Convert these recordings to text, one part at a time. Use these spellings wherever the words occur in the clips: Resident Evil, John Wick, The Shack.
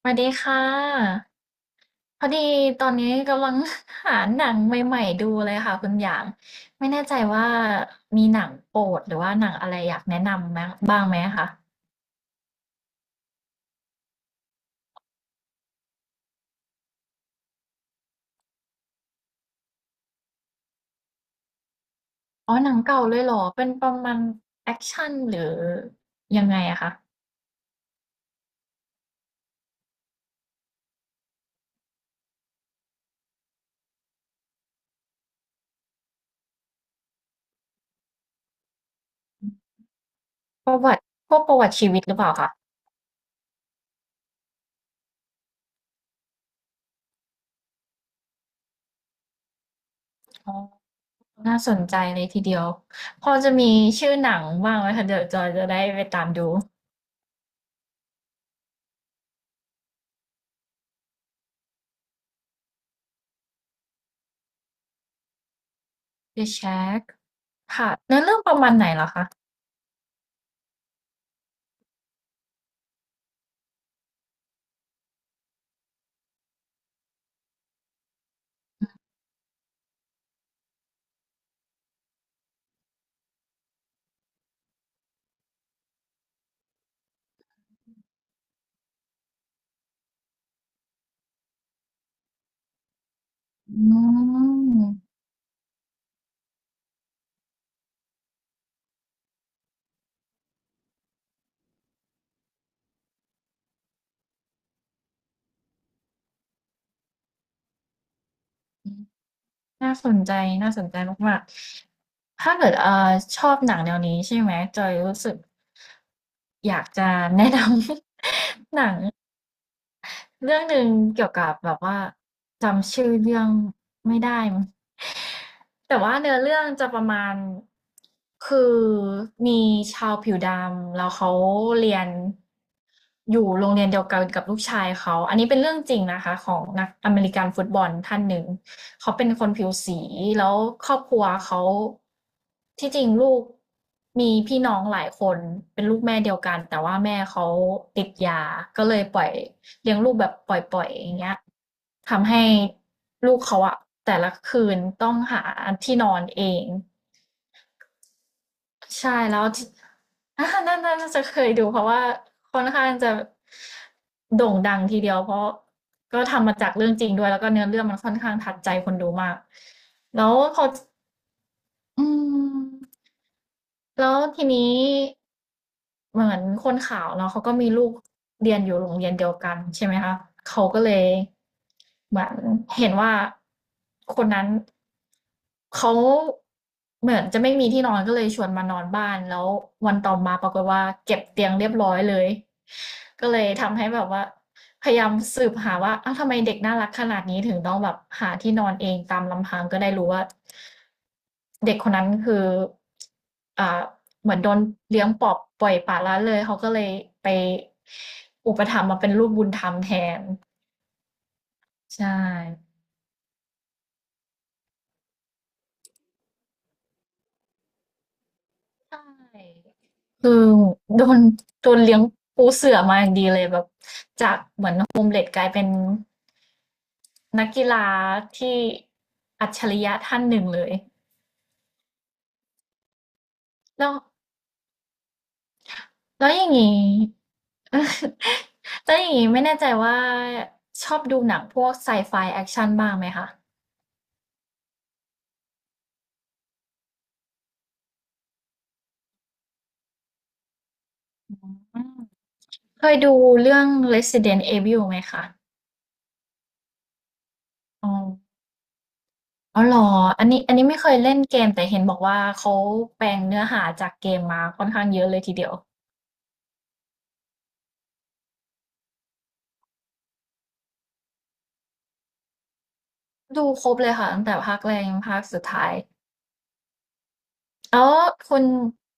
สวัสดีค่ะพอดีตอนนี้กำลัง หาหนังใหม่ๆดูเลยค่ะคุณอย่างไม่แน่ใจว่ามีหนังโปรดหรือว่าหนังอะไรอยากแนะนำไหมบ้างไหมคะอ๋อหนังเก่าเลยเหรอเป็นประมาณแอคชั่นหรือยังไงอะคะประวัติพวกประวัติชีวิตหรือเปล่าคะอ๋อน่าสนใจเลยทีเดียวพอจะมีชื่อหนังบ้างไหมคะเดี๋ยวจอยจะได้ไปตามดู The Shack ค่ะเนื้อเรื่องประมาณไหนเหรอคะอืม น่าสนใจน่าสนใจมากๆถ้าเกิดชอบหนังแนวนี้ใช่ไหมจอยรู้สึกอยากจะแนะนำ หนัง เรื่องหนึ่งเกี่ยวกับแบบว่าจำชื่อเรื่องไม่ได้มั้งแต่ว่าเนื้อเรื่องจะประมาณคือมีชาวผิวดำแล้วเขาเรียนอยู่โรงเรียนเดียวกันกับลูกชายเขาอันนี้เป็นเรื่องจริงนะคะของนักอเมริกันฟุตบอลท่านหนึ่งเขาเป็นคนผิวสีแล้วครอบครัวเขาที่จริงลูกมีพี่น้องหลายคนเป็นลูกแม่เดียวกันแต่ว่าแม่เขาติดยาก็เลยปล่อย เลี้ยงลูกแบบปล่อยๆอย่างเงี้ยทำให้ลูกเขาอะแต่ละคืนต้องหาที่นอนเองใช่แล้วนัน่น่น่าจะเคยดูเพราะว่าค่อนข้างจะโด่งดังทีเดียวเพราะก็ทำมาจากเรื่องจริงด้วยแล้วก็เนื้อเรื่องมันค่อนข้างทัดใจคนดูมากแล้วพออืมแล้วทีนี้ เหมือนคนขาวเนาะเขาก็มีลูกเรียนอยู่โรงเรียนเดียวกันใช่ไหมคะเขาก็เลยเหมือนเห็นว่าคนนั้นเขาเหมือนจะไม่มีที่นอนก็เลยชวนมานอนบ้านแล้ววันต่อมาปรากฏว่าเก็บเตียงเรียบร้อยเลยก็เลยทำให้แบบว่า พยายามสืบหาว่าอ้าวทำไมเด็กน่ารักขนาดนี้ถึงต้องแบบหาที่นอนเองตามลำพังก็ได้รู้ว่าเด็กคนนั้นคืออ่าเหมือนโดนเลี้ยงปอบปล่อยปละละเลยเขาก็เลยไปอุปถัมภ์มาเป็นลูกบุญธรรมแทนใช่ใช่คือโดนโดนเลี้ยงปูเสื่อมาอย่างดีเลยแบบจากเด็กกลายเป็นนักกีฬาที่อัจฉริยะท่านหนึ่งเลยแล้ว แล้วอย่างนี้ แล้วอย่างนี้ไม่แน่ใจว่าชอบดูหนังพวกไซไฟแอคชั่นบ้างไหมคะอืมเคยดูเรื่อง Resident Evil ไหมคะ อ๋ออ๋อเหรออันนี้ไม่เคยเล่นเกมแต่เห็นบอกว่าเขาแปลงเนื้อหาจากเกมมาค่อนข้างเยอะเลยทีเดียว ดูครบเลยค่ะตั้งแต่ภาคแรกจนภาคสุดท้ายแล้วคุณ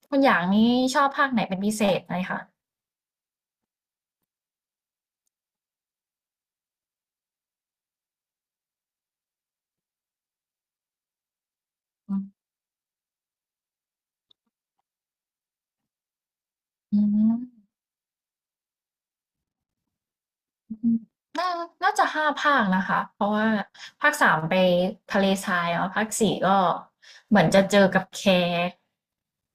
คุณอย่างนี้ชอบภาคไหนเป็นพิเศษไหมคะอืม อืมน่าน่าจะ5ภาคนะคะเพราะว่าภาค3ไปทะเลทรายเนาะภาค4ก็เหมือนจะเจอกับแค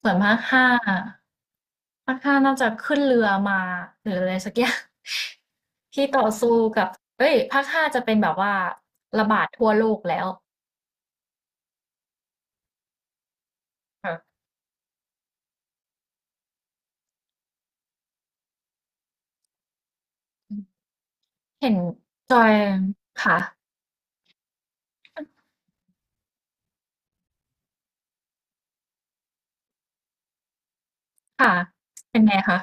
ส่วนภาค5น่าจะขึ้นเรือมาหรืออะไรสักอย่าง ที่ต่อสู้กับเอ้ยภาค5จะเป็นแบบว่าระบาดทั่วโลกแล้วค่ะเห็นจอยค่ะค่ะเป็นไงคะ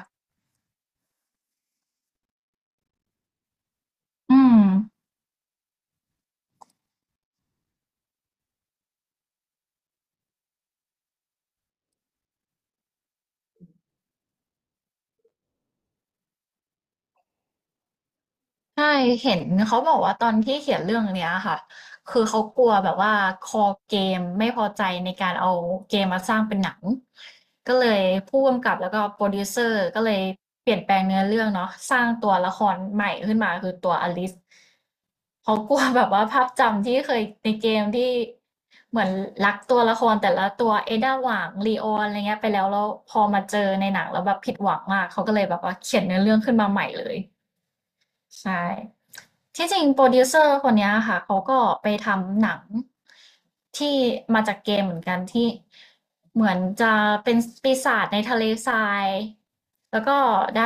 อืม ใช่เห็นเขาบอกว่าตอนที่เขียนเรื่องเนี้ยค่ะคือเขากลัวแบบว่าคอเกมไม่พอใจในการเอาเกมมาสร้างเป็นหนังก็เลยผู้กำกับแล้วก็โปรดิวเซอร์ก็เลยเปลี่ยนแปลงเนื้อเรื่องเนาะสร้างตัวละครใหม่ขึ้นมาคือตัวอลิซเขากลัวแบบว่าภาพจำที่เคยในเกมที่เหมือนรักตัวละครแต่ละตัวเอด้าหว่างลีออนอะไรเงี้ยไปแล้วแล้วพอมาเจอในหนังแล้วแบบผิดหวังมากเขาก็เลยแบบว่าเขียนเนื้อเรื่องขึ้นมาใหม่เลยใช่ ที่จริงโปรดิวเซอร์คนเนี้ยค่ะเขาก็ไปทำหนังที่มาจากเกมเหมือนกันที่เหมือนจะเป็นปีศาจในทะเลทรายแล้วก็ได้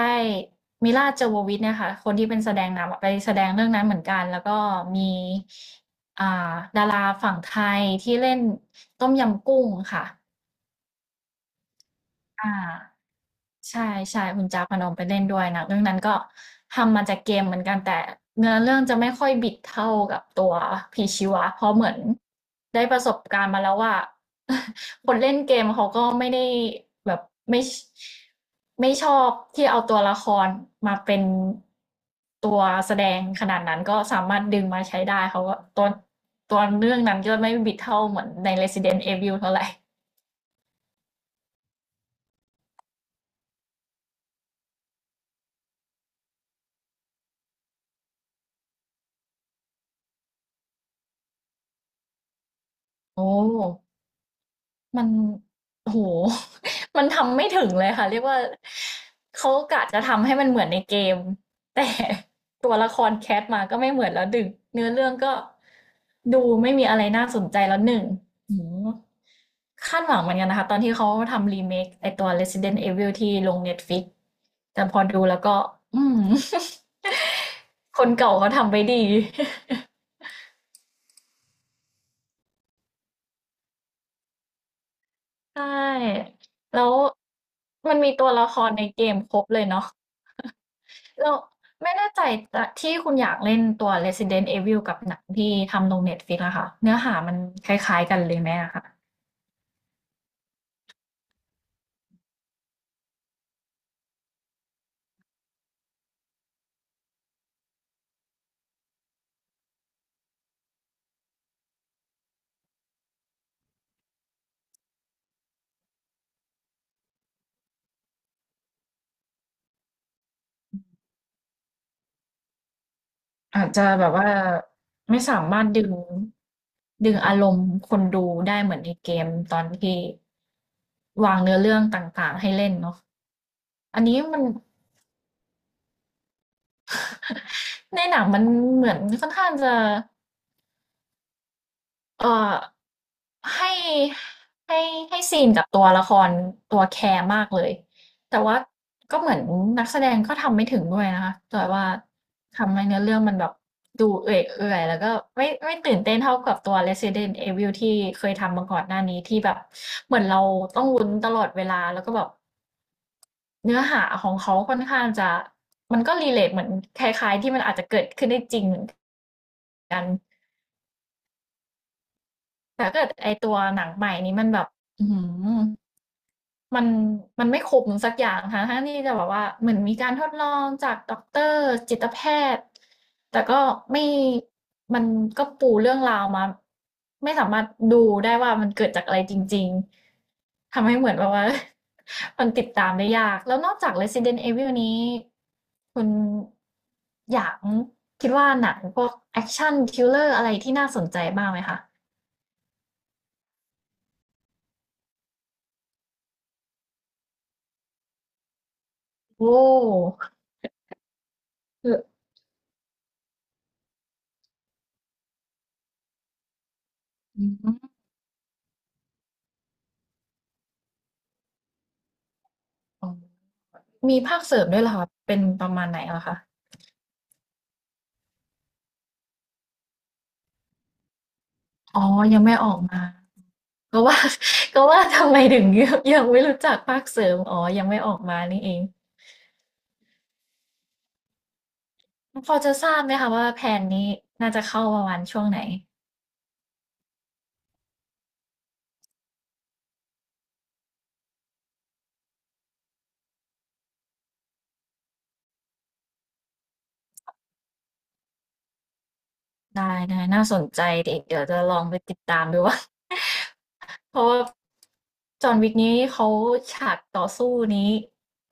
มิลลาโจโววิชเนี่ยค่ะคนที่เป็นแสดงนำอะไปแสดงเรื่องนั้นเหมือนกันแล้วก็มีอ่าดาราฝั่งไทยที่เล่นต้มยำกุ้งค่ะอ่า ใช่ๆคุณจาพนมไปเล่นด้วยหนังเรื่องนั้นก็ทำมาจากเกมเหมือนกันแต่เนื้อเรื่องจะไม่ค่อยบิดเท่ากับตัวผีชีวะเพราะเหมือนได้ประสบการณ์มาแล้วว่า คนเล่นเกมเขาก็ไม่ได้แบบไม่ไม่ชอบที่เอาตัวละครมาเป็นตัวแสดงขนาดนั้นก็สามารถดึงมาใช้ได้เขาก็ตัวเรื่องนั้นก็ไม่บิดเท่าเหมือนใน Resident Evil เท่าไหร่ โอ้ มันโอ้โฮ มันทำไม่ถึงเลยค่ะเรียกว่าเขากะจะทำให้มันเหมือนในเกม แต่ ตัวละครแค t มาก็ไม่เหมือนแล้วดึงเนื้อเรื่องก็ดูไม่มีอะไรน่าสนใจแล้ว1อื้อฮือคาดหวังเหมือนกันนะคะตอนที่เขาทำรีเมคไอตัว Resident Evil ที่ลง Netflix แต่พอดูแล้วก็อืม คนเก่าเขาทำไว้ดี ใช่แล้วมันมีตัวละครในเกมครบเลยเนาะ เราไม่แน่ใจแต่ที่คุณอยากเล่นตัว Resident Evil กับหนังที่ทำลง Netflix อะค่ะเนื้อหามันคล้ายๆกันเลยไหมอะค่ะอาจจะแบบว่าไม่สามารถดึงอารมณ์คนดูได้เหมือนในเกมตอนที่วางเนื้อเรื่องต่างๆให้เล่นเนาะอันนี้มันในหนังมันเหมือนค่อนข้างจะ เอ่อให้ให้ซีนกับตัวละครตัวแคร์มากเลยแต่ว่าก็เหมือนนักแสดงก็ทำไม่ถึงด้วยนะคะแต่ว่าทำให้เนื้อเรื่องมันแบบดูเอื่อยเอื่อยแล้วก็ไม่ตื่นเต้นเท่ากับตัว Resident Evil ที่เคยทำมาก่อนหน้านี้ที่แบบเหมือนเราต้องลุ้นตลอดเวลาแล้วก็แบบเนื้อหาของเขาค่อนข้างจะมันก็รีเลทเหมือนคล้ายๆที่มันอาจจะเกิดขึ้นได้จริงเหมือนกันแต่ถ้าเกิดไอตัวหนังใหม่นี้มันแบบอือหือ มันมันไม่คุ้มสักอย่างค่ะทั้งที่จะแบบว่าเหมือนมีการทดลองจากด็อกเตอร์จิตแพทย์แต่ก็ไม่มันก็ปูเรื่องราวมาไม่สามารถดูได้ว่ามันเกิดจากอะไรจริงๆทำให้เหมือนแบบว่า มันติดตามได้ยากแล้วนอกจาก Resident Evil นี้คุณอยากคิดว่าหนังพวกแอคชันทริลเลอร์อะไรที่น่าสนใจบ้างไหมคะโอ้คือืมอ๋อ มีภาคเสริมด้วยเหรอคะเป็นประมาณไหนเหรอคะอ๋อยังไม่ออกมา ก็ว่า ก็ว่าทำไมถึง ยังไม่รู้จักภาคเสริมอ๋อยังไม่ออกมานี่เองพอจะทราบไหมคะว่าแผนนี้น่าจะเข้าประมาณช่วงไหนได้ๆน่าสนใจเดี๋ยวจะลองไปติดตามดูว่า เพราะว่าจอห์นวิกนี้เขาฉากต่อสู้นี้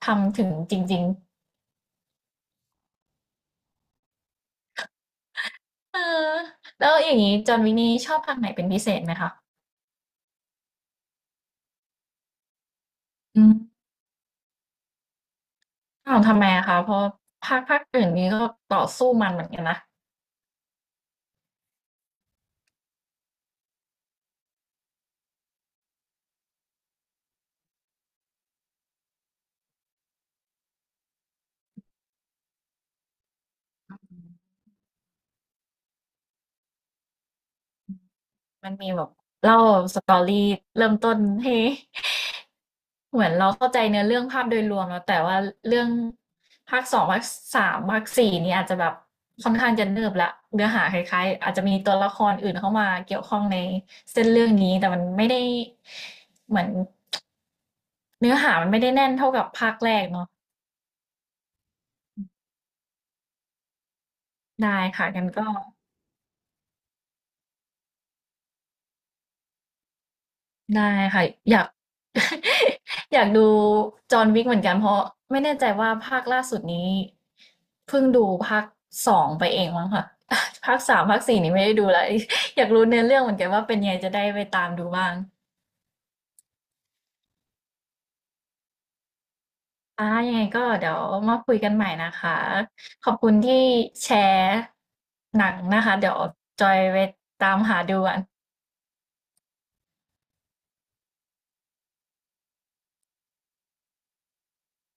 ทำถึงจริงๆเออแล้วอย่างนี้จอห์นวิกนี้ชอบภาคไหนเป็นพิเศษไหมคะอืม อ้าวทำไมอะคะเพราะภาคอื่นนี้ก็ต่อสู้มันเหมือนกันนะมันมีแบบเล่า story เริ่มต้นให้ เหมือนเราเข้าใจเนื้อเรื่องภาพโดยรวมแล้วแต่ว่าเรื่องภาคสองภาคสามภาค4นี่อาจจะแบบค่อนข้างจะเนิบละเนื้อหาคล้ายๆอาจจะมีตัวละครอื่นเข้ามาเกี่ยวข้องในเส้นเรื่องนี้แต่มันไม่ได้เหมือนเนื้อหามันไม่ได้แน่นเท่ากับภาคแรกเนาะได้ค่ะงั้นก็ ได้ค่ะอยาก อยากดูจอห์นวิกเหมือนกันเพราะไม่แน่ใจว่าภาคล่าสุดนี้เพิ่งดูภาคสองไปเองมั้งค่ะ ภาคสามภาคสี่นี่ไม่ได้ดูแล้ว อยากรู้เนื้อเรื่องเหมือนกันว่าเป็นยังไงจะได้ไปตามดูบ้างอ่ายังไงก็เดี๋ยวมาคุยกันใหม่นะคะขอบคุณที่แชร์หนังนะคะเดี๋ยวจอยไปตามหาดูกัน